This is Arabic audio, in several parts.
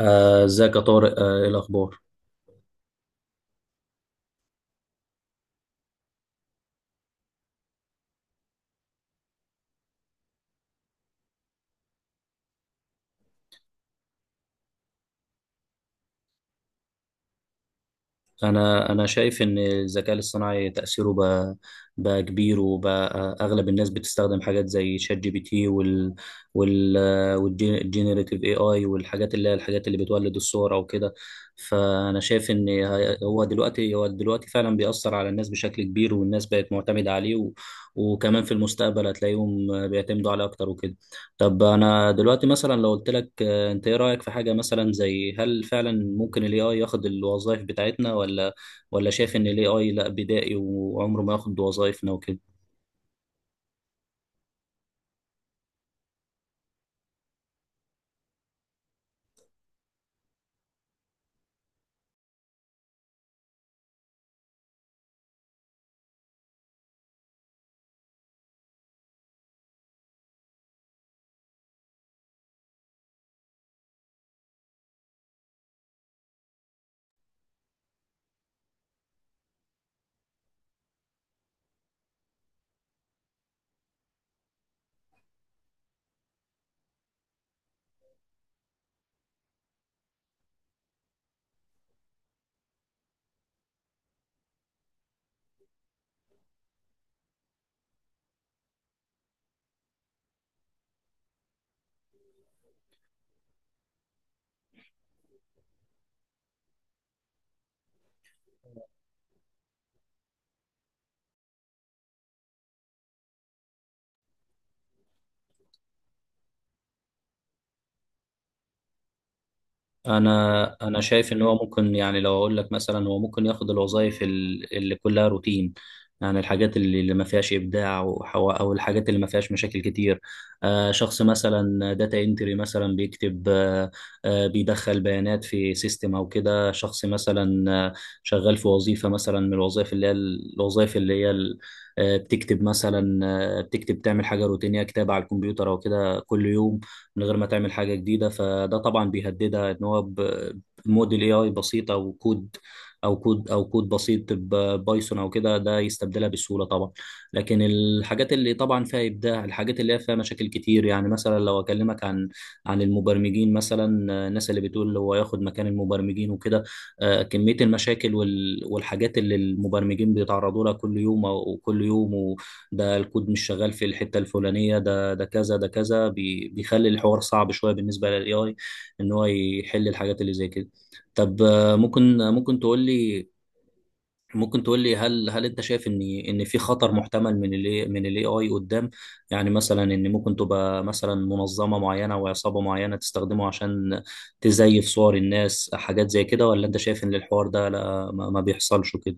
آه، ازيك يا طارق؟ ايه الاخبار؟ انا شايف ان الذكاء الاصطناعي تاثيره بقى كبير وبقى اغلب الناس بتستخدم حاجات زي شات جي بي تي وال والجينيريتيف اي اي والحاجات اللي هي الحاجات اللي بتولد الصور او كده. فانا شايف ان هو دلوقتي هو دلوقتي فعلا بيأثر على الناس بشكل كبير، والناس بقت معتمده عليه، و وكمان في المستقبل هتلاقيهم بيعتمدوا عليه اكتر وكده. طب انا دلوقتي مثلا لو قلت لك، انت ايه رأيك في حاجة مثلا زي هل فعلا ممكن الاي اي ياخد الوظائف بتاعتنا، ولا شايف ان الاي اي لا بدائي وعمره ما ياخد وظائفنا وكده؟ انا شايف ان هو ممكن، يعني لو اقول لك مثلا هو ممكن ياخد الوظائف اللي كلها روتين. يعني الحاجات اللي ما فيهاش ابداع او الحاجات اللي ما فيهاش مشاكل كتير. شخص مثلا داتا انتري مثلا بيكتب، بيدخل بيانات في سيستم او كده، شخص مثلا شغال في وظيفة مثلا من الوظائف اللي هي الوظائف اللي هي بتكتب مثلا، بتكتب تعمل حاجة روتينية كتابة على الكمبيوتر او كده كل يوم من غير ما تعمل حاجة جديدة، فده طبعا بيهددها ان هو بموديل اي اي بسيط او كود، او كود بسيط بايثون او كده، ده يستبدلها بسهولة طبعا. لكن الحاجات اللي طبعا فيها ابداع الحاجات اللي هي فيها مشاكل كتير، يعني مثلا لو اكلمك عن المبرمجين مثلا، الناس اللي بتقول هو ياخد مكان المبرمجين وكده، كمية المشاكل والحاجات اللي المبرمجين بيتعرضوا لها كل يوم او كل يوم، وده الكود مش شغال في الحتة الفلانية، ده ده كذا ده كذا، بيخلي الحوار صعب شويه بالنسبه للاي اي ان هو يحل الحاجات اللي زي كده. طب آه، ممكن تقول لي، ممكن تقول لي هل انت شايف ان في خطر محتمل من الاي اي قدام؟ يعني مثلا ان ممكن تبقى مثلا منظمه معينه او عصابه معينه تستخدمه عشان تزيف صور الناس حاجات زي كده، ولا انت شايف ان الحوار ده لا ما بيحصلش وكده؟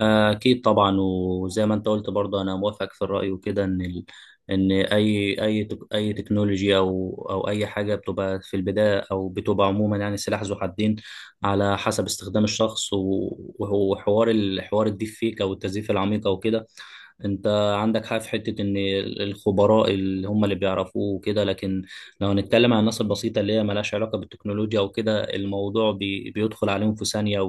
أكيد طبعا، وزي ما أنت قلت برضه أنا موافق في الرأي وكده، إن أي أي تكنولوجيا أو أي حاجة بتبقى في البداية أو بتبقى عموما يعني سلاح ذو حدين، على حسب استخدام الشخص. و- وهو حوار الحوار الديب فيك أو التزييف العميق أو كده، أنت عندك حق في حتة إن الخبراء اللي هم اللي بيعرفوه وكده، لكن لو هنتكلم عن الناس البسيطة اللي هي ملهاش علاقة بالتكنولوجيا وكده، الموضوع بيدخل عليهم في ثانية،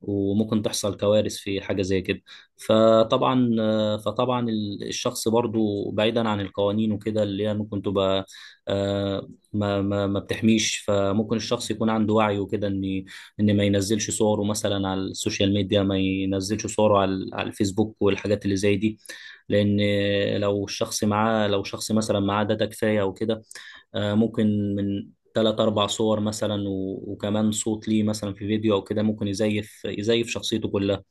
وممكن تحصل كوارث في حاجة زي كده. فطبعا فطبعا الشخص برضو بعيدا عن القوانين وكده اللي هي ممكن تبقى آه، ما بتحميش، فممكن الشخص يكون عنده وعي وكده ان ما ينزلش صوره مثلا على السوشيال ميديا، ما ينزلش صوره على الفيسبوك والحاجات اللي زي دي. لان لو شخص مثلا معاه داتا كفايه وكده، ممكن من تلات أربع صور مثلا وكمان صوت ليه مثلا في فيديو أو كده، ممكن يزيف شخصيته كلها.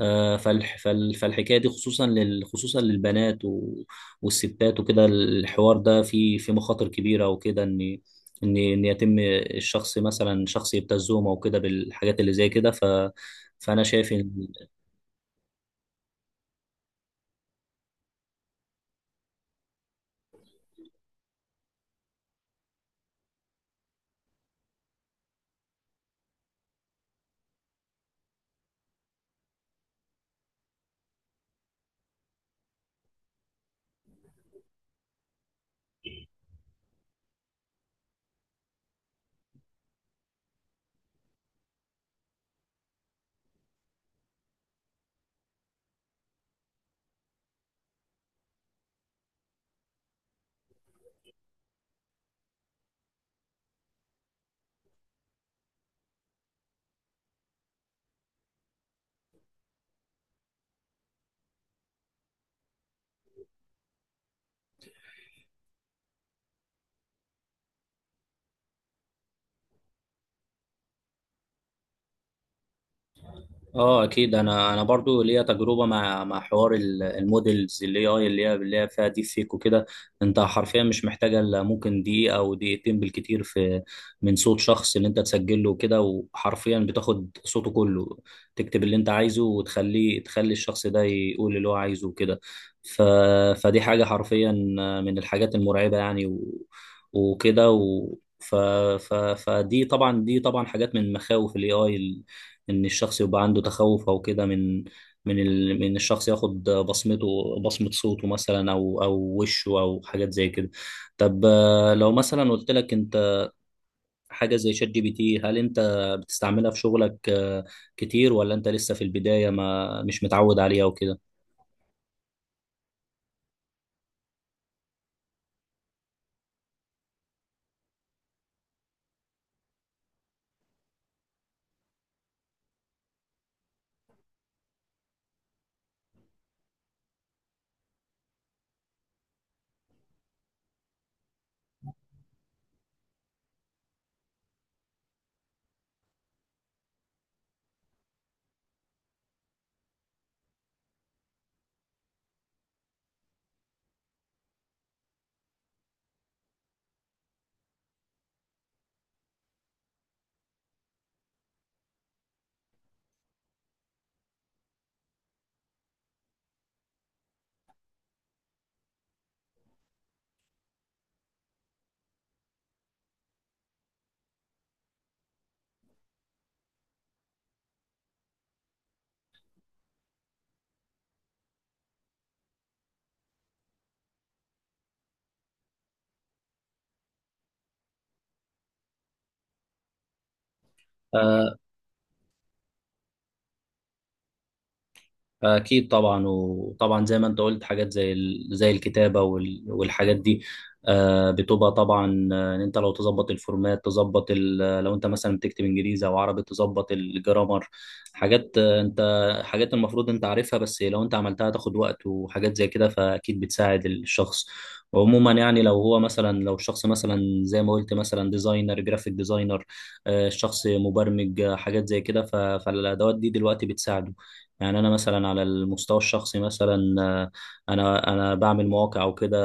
فالحكاية دي خصوصا خصوصا للبنات و- والستات وكده، الحوار ده فيه في مخاطر كبيرة وكده، إن إن إن يتم الشخص مثلا شخص يبتزهم أو كده بالحاجات اللي زي كده. فأنا شايف إن اه اكيد، انا برضو ليا تجربه مع مع المودلز اللي هي فيها ديب فيك وكده. انت حرفيا مش محتاجه الا ممكن دقيقه او دقيقتين بالكتير في من صوت شخص اللي انت تسجله وكده، وحرفيا بتاخد صوته كله، تكتب اللي انت عايزه تخلي الشخص ده يقول اللي هو عايزه وكده. ف فدي حاجه حرفيا من الحاجات المرعبه يعني، و... وكده و... ف... ف... فدي طبعا دي طبعا حاجات من مخاوف الاي اي، ان الشخص يبقى عنده تخوف او كده من الشخص ياخد بصمته، بصمة صوته مثلا او وشه او حاجات زي كده. طب آه، لو مثلا قلت لك انت، حاجة زي شات جي بي تي هل انت بتستعملها في شغلك كتير، ولا انت لسه في البداية ما مش متعود عليها وكده؟ آه، أكيد طبعا، وطبعا زي ما أنت قلت حاجات زي الكتابة والحاجات دي بتبقى طبعا آه، إن أنت لو تظبط الفورمات تظبط لو أنت مثلا بتكتب إنجليزي أو عربي تظبط الجرامر، حاجات آه، أنت حاجات المفروض أنت عارفها، بس لو أنت عملتها تاخد وقت وحاجات زي كده، فأكيد بتساعد الشخص. وعموما يعني لو هو مثلا لو الشخص مثلا زي ما قلت مثلا ديزاينر جرافيك ديزاينر، الشخص مبرمج حاجات زي كده، فالأدوات دي دلوقتي بتساعده. يعني انا مثلا على المستوى الشخصي مثلا آه، انا بعمل مواقع او كده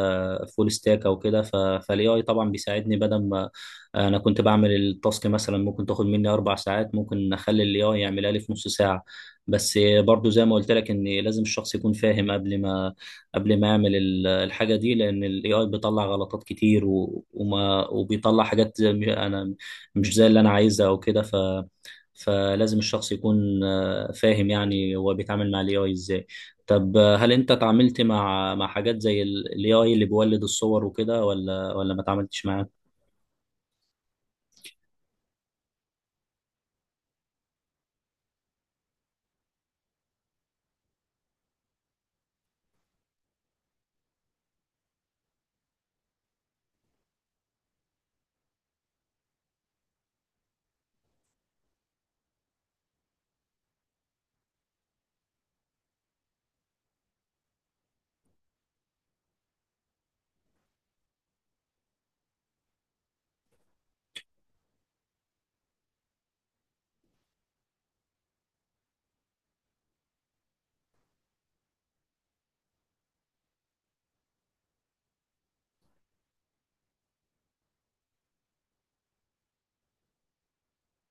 فول ستاك او كده، فالاي اي طبعا بيساعدني بدل ما انا كنت بعمل التاسك مثلا ممكن تاخد مني اربع ساعات، ممكن اخلي الاي اي يعملها لي في نص ساعه. بس برضو زي ما قلت لك ان لازم الشخص يكون فاهم قبل ما يعمل الحاجه دي، لان الاي اي بيطلع غلطات كتير و- وما وبيطلع حاجات زي- انا مش زي اللي انا عايزها او كده. ف فلازم الشخص يكون فاهم يعني هو بيتعامل مع الاي اي ازاي. طب آه، هل انت تعاملت مع حاجات زي الاي اي اللي بيولد الصور وكده، ولا ما تعاملتش معاه؟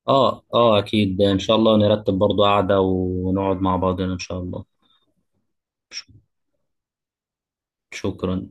اه اكيد ان شاء الله نرتب برضو قعدة ونقعد مع بعضنا ان شاء الله. شك- شكرا.